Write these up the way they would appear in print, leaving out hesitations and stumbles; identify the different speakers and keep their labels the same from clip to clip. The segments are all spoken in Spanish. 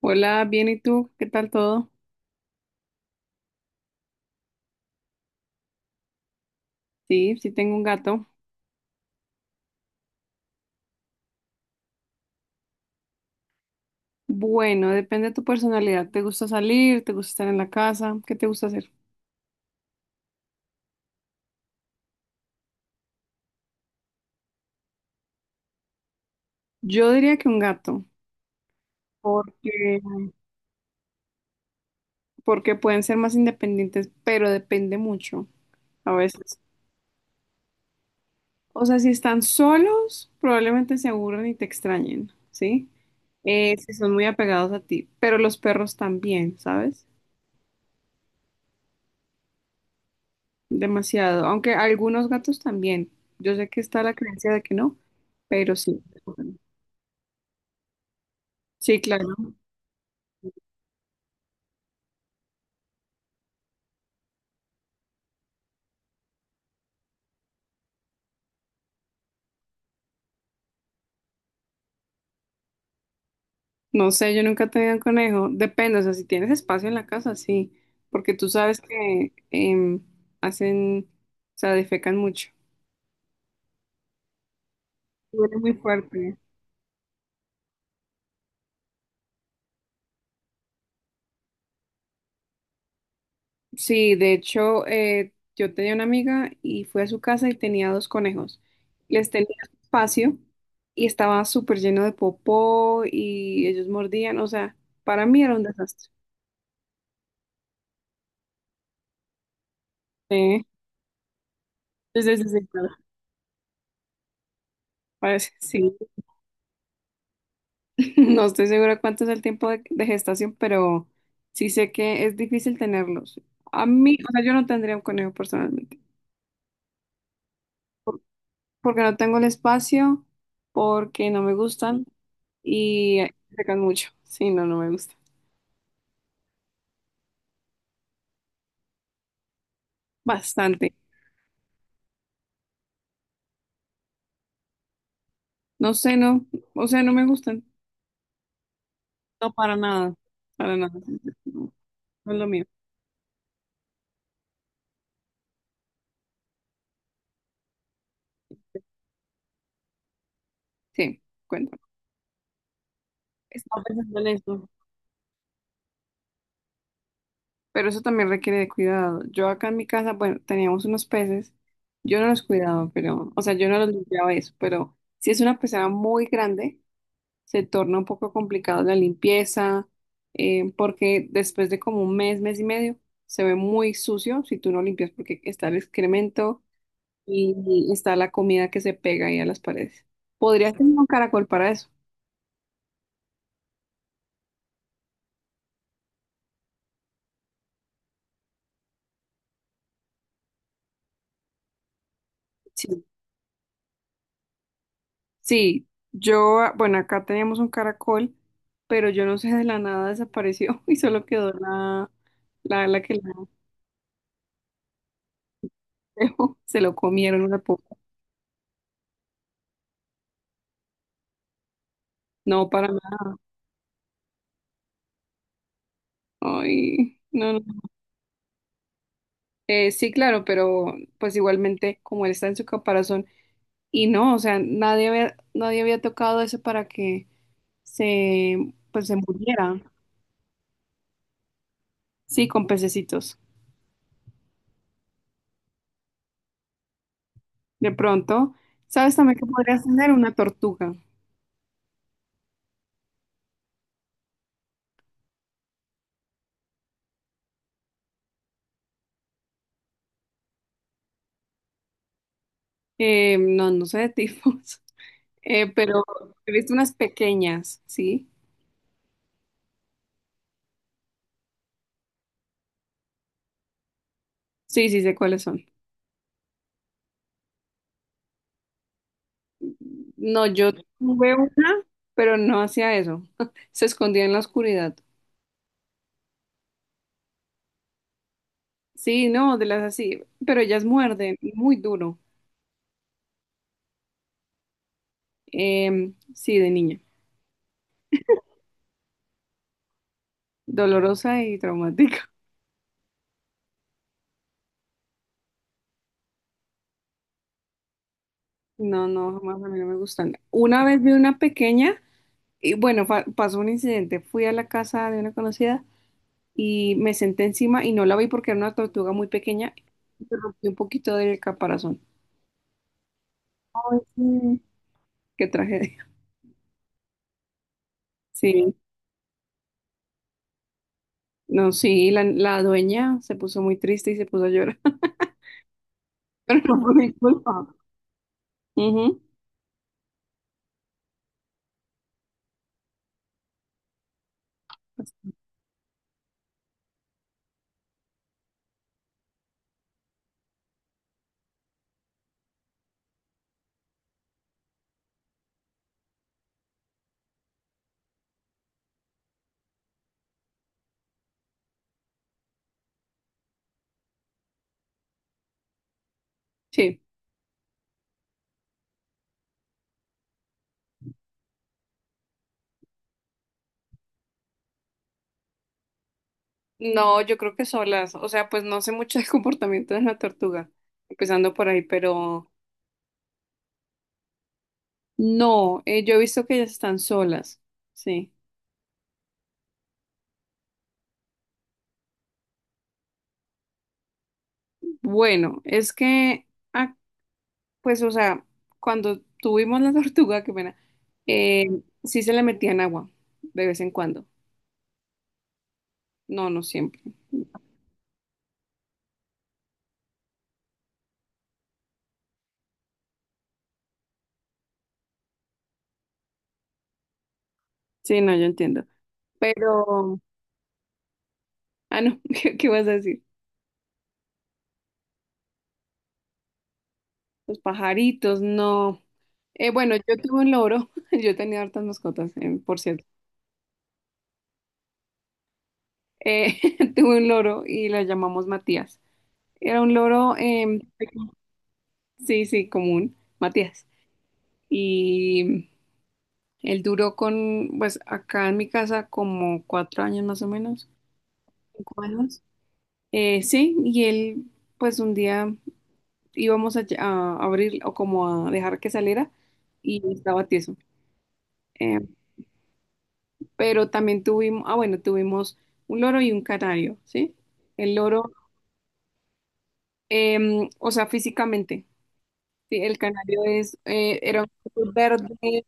Speaker 1: Hola, bien, ¿y tú? ¿Qué tal todo? Sí, sí tengo un gato. Bueno, depende de tu personalidad. ¿Te gusta salir? ¿Te gusta estar en la casa? ¿Qué te gusta hacer? Yo diría que un gato, porque, porque pueden ser más independientes, pero depende mucho a veces. O sea, si están solos, probablemente se aburran y te extrañen, ¿sí? Si son muy apegados a ti, pero los perros también, ¿sabes? Demasiado, aunque algunos gatos también. Yo sé que está la creencia de que no, pero sí. Sí, claro. No sé, yo nunca he tenido un conejo. Depende, o sea, si tienes espacio en la casa, sí. Porque tú sabes que hacen, o sea, defecan mucho. Huele muy fuerte. Sí, de hecho, yo tenía una amiga y fui a su casa y tenía dos conejos. Les tenía espacio y estaba súper lleno de popó y ellos mordían, o sea, para mí era un desastre. Sí, sí, sí, sí, claro. Parece, sí. No estoy segura cuánto es el tiempo de gestación, pero sí sé que es difícil tenerlos. A mí, o sea, yo no tendría un conejo personalmente, por- porque no tengo el espacio, porque no me gustan y secan mucho. Sí, no, no me gusta. Bastante. No sé, no, o sea, no me gustan. No, para nada, para nada. No, no es lo mío. Sí, cuento. Estaba pensando en eso. Pero eso también requiere de cuidado. Yo acá en mi casa, bueno, teníamos unos peces. Yo no los cuidaba, pero, o sea, yo no los limpiaba eso, pero si es una pecera muy grande, se torna un poco complicado la limpieza, porque después de como un mes, mes y medio, se ve muy sucio si tú no limpias, porque está el excremento y está la comida que se pega ahí a las paredes. Podrías tener un caracol para eso. Sí. Sí, yo, bueno, acá teníamos un caracol, pero yo no sé, de la nada desapareció y solo quedó la, que la dejó. Se lo comieron una poco. No, para nada. Ay, no, no. Sí, claro, pero pues igualmente, como él está en su caparazón, y no, o sea, nadie había tocado eso para que se, pues se muriera. Sí, con pececitos. De pronto, ¿sabes también que podrías tener una tortuga? No, no sé de tifos. Pero he visto unas pequeñas, ¿sí? Sí, sí, sé cuáles son. No, yo tuve una, pero no hacía eso. Se escondía en la oscuridad. Sí, no, de las así, pero ellas muerden muy duro. Sí, de niña. Dolorosa y traumática. No, no, jamás a mí no me gustan. Una vez vi una pequeña y bueno, pasó un incidente. Fui a la casa de una conocida y me senté encima y no la vi porque era una tortuga muy pequeña y me rompí un poquito del caparazón. Ay, sí. Qué tragedia. Sí, no, sí, la dueña se puso muy triste y se puso a llorar, pero no fue mi culpa. Ujú. Sí. No, yo creo que solas. O sea, pues no sé mucho del comportamiento de la tortuga, empezando por ahí, pero no, yo he visto que ellas están solas. Sí. Bueno, es que, ah, pues, o sea, cuando tuvimos la tortuga, qué pena, eh, sí se le metían agua de vez en cuando. No, no siempre. Sí, no, yo entiendo. Pero, no, ¿qué, vas a decir? Los pajaritos, no. Bueno, yo tuve un loro, yo tenía hartas mascotas, por cierto. Eh, Tuve un loro y lo llamamos Matías. Era un loro, sí, sí, común, Matías. Y él duró con, pues acá en mi casa como 4 años más o menos, 5 años. Sí, y él, pues un día íbamos a, a abrir o como a dejar que saliera y estaba tieso. Eh, pero también tuvimos, bueno, tuvimos un loro y un canario, ¿sí? El loro, o sea, físicamente, sí, el canario es, era un color verde,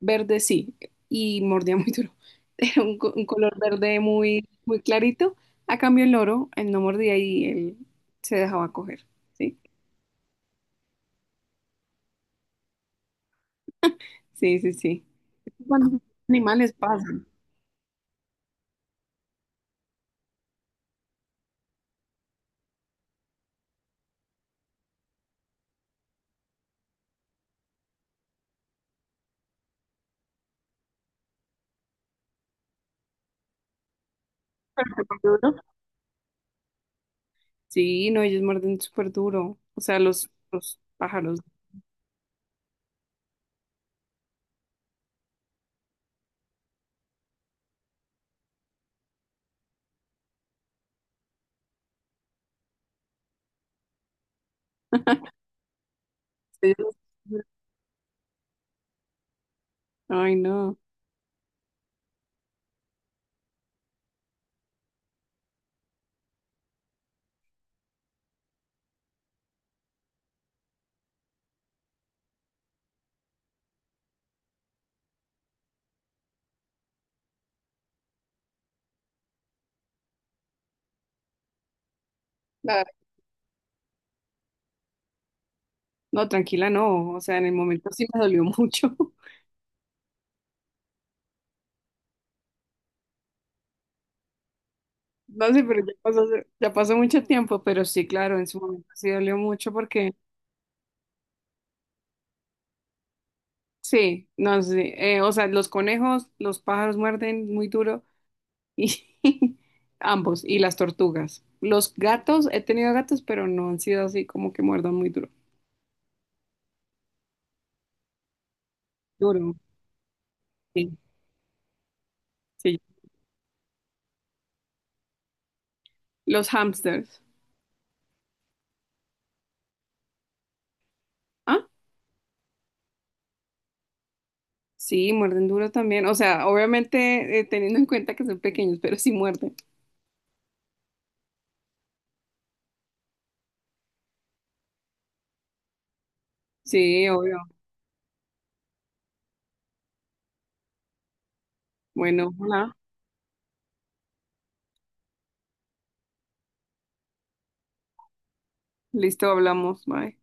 Speaker 1: verde, sí, y mordía muy duro, era un, un color verde muy, muy clarito, a cambio el loro, él no mordía y él se dejaba coger, ¿sí? Sí, sí, sí. Cuando los animales pasan, ¿súper duro? Sí, no, ellos muerden súper duro, o sea, los pájaros. ellos- Ay, no. Ah, no, tranquila, no. O sea, en el momento sí me dolió mucho. No sé, pero ya pasó mucho tiempo, pero sí, claro, en su momento sí dolió mucho porque sí, no sé. O sea, los conejos, los pájaros muerden muy duro y ambos, y las tortugas. Los gatos, he tenido gatos, pero no han sido así como que muerdan muy duro. Duro, sí, sí. Los hamsters. Ah, sí, muerden duro también. O sea, obviamente teniendo en cuenta que son pequeños, pero sí muerden. Sí, obvio. Bueno, hola. Listo, hablamos. Bye.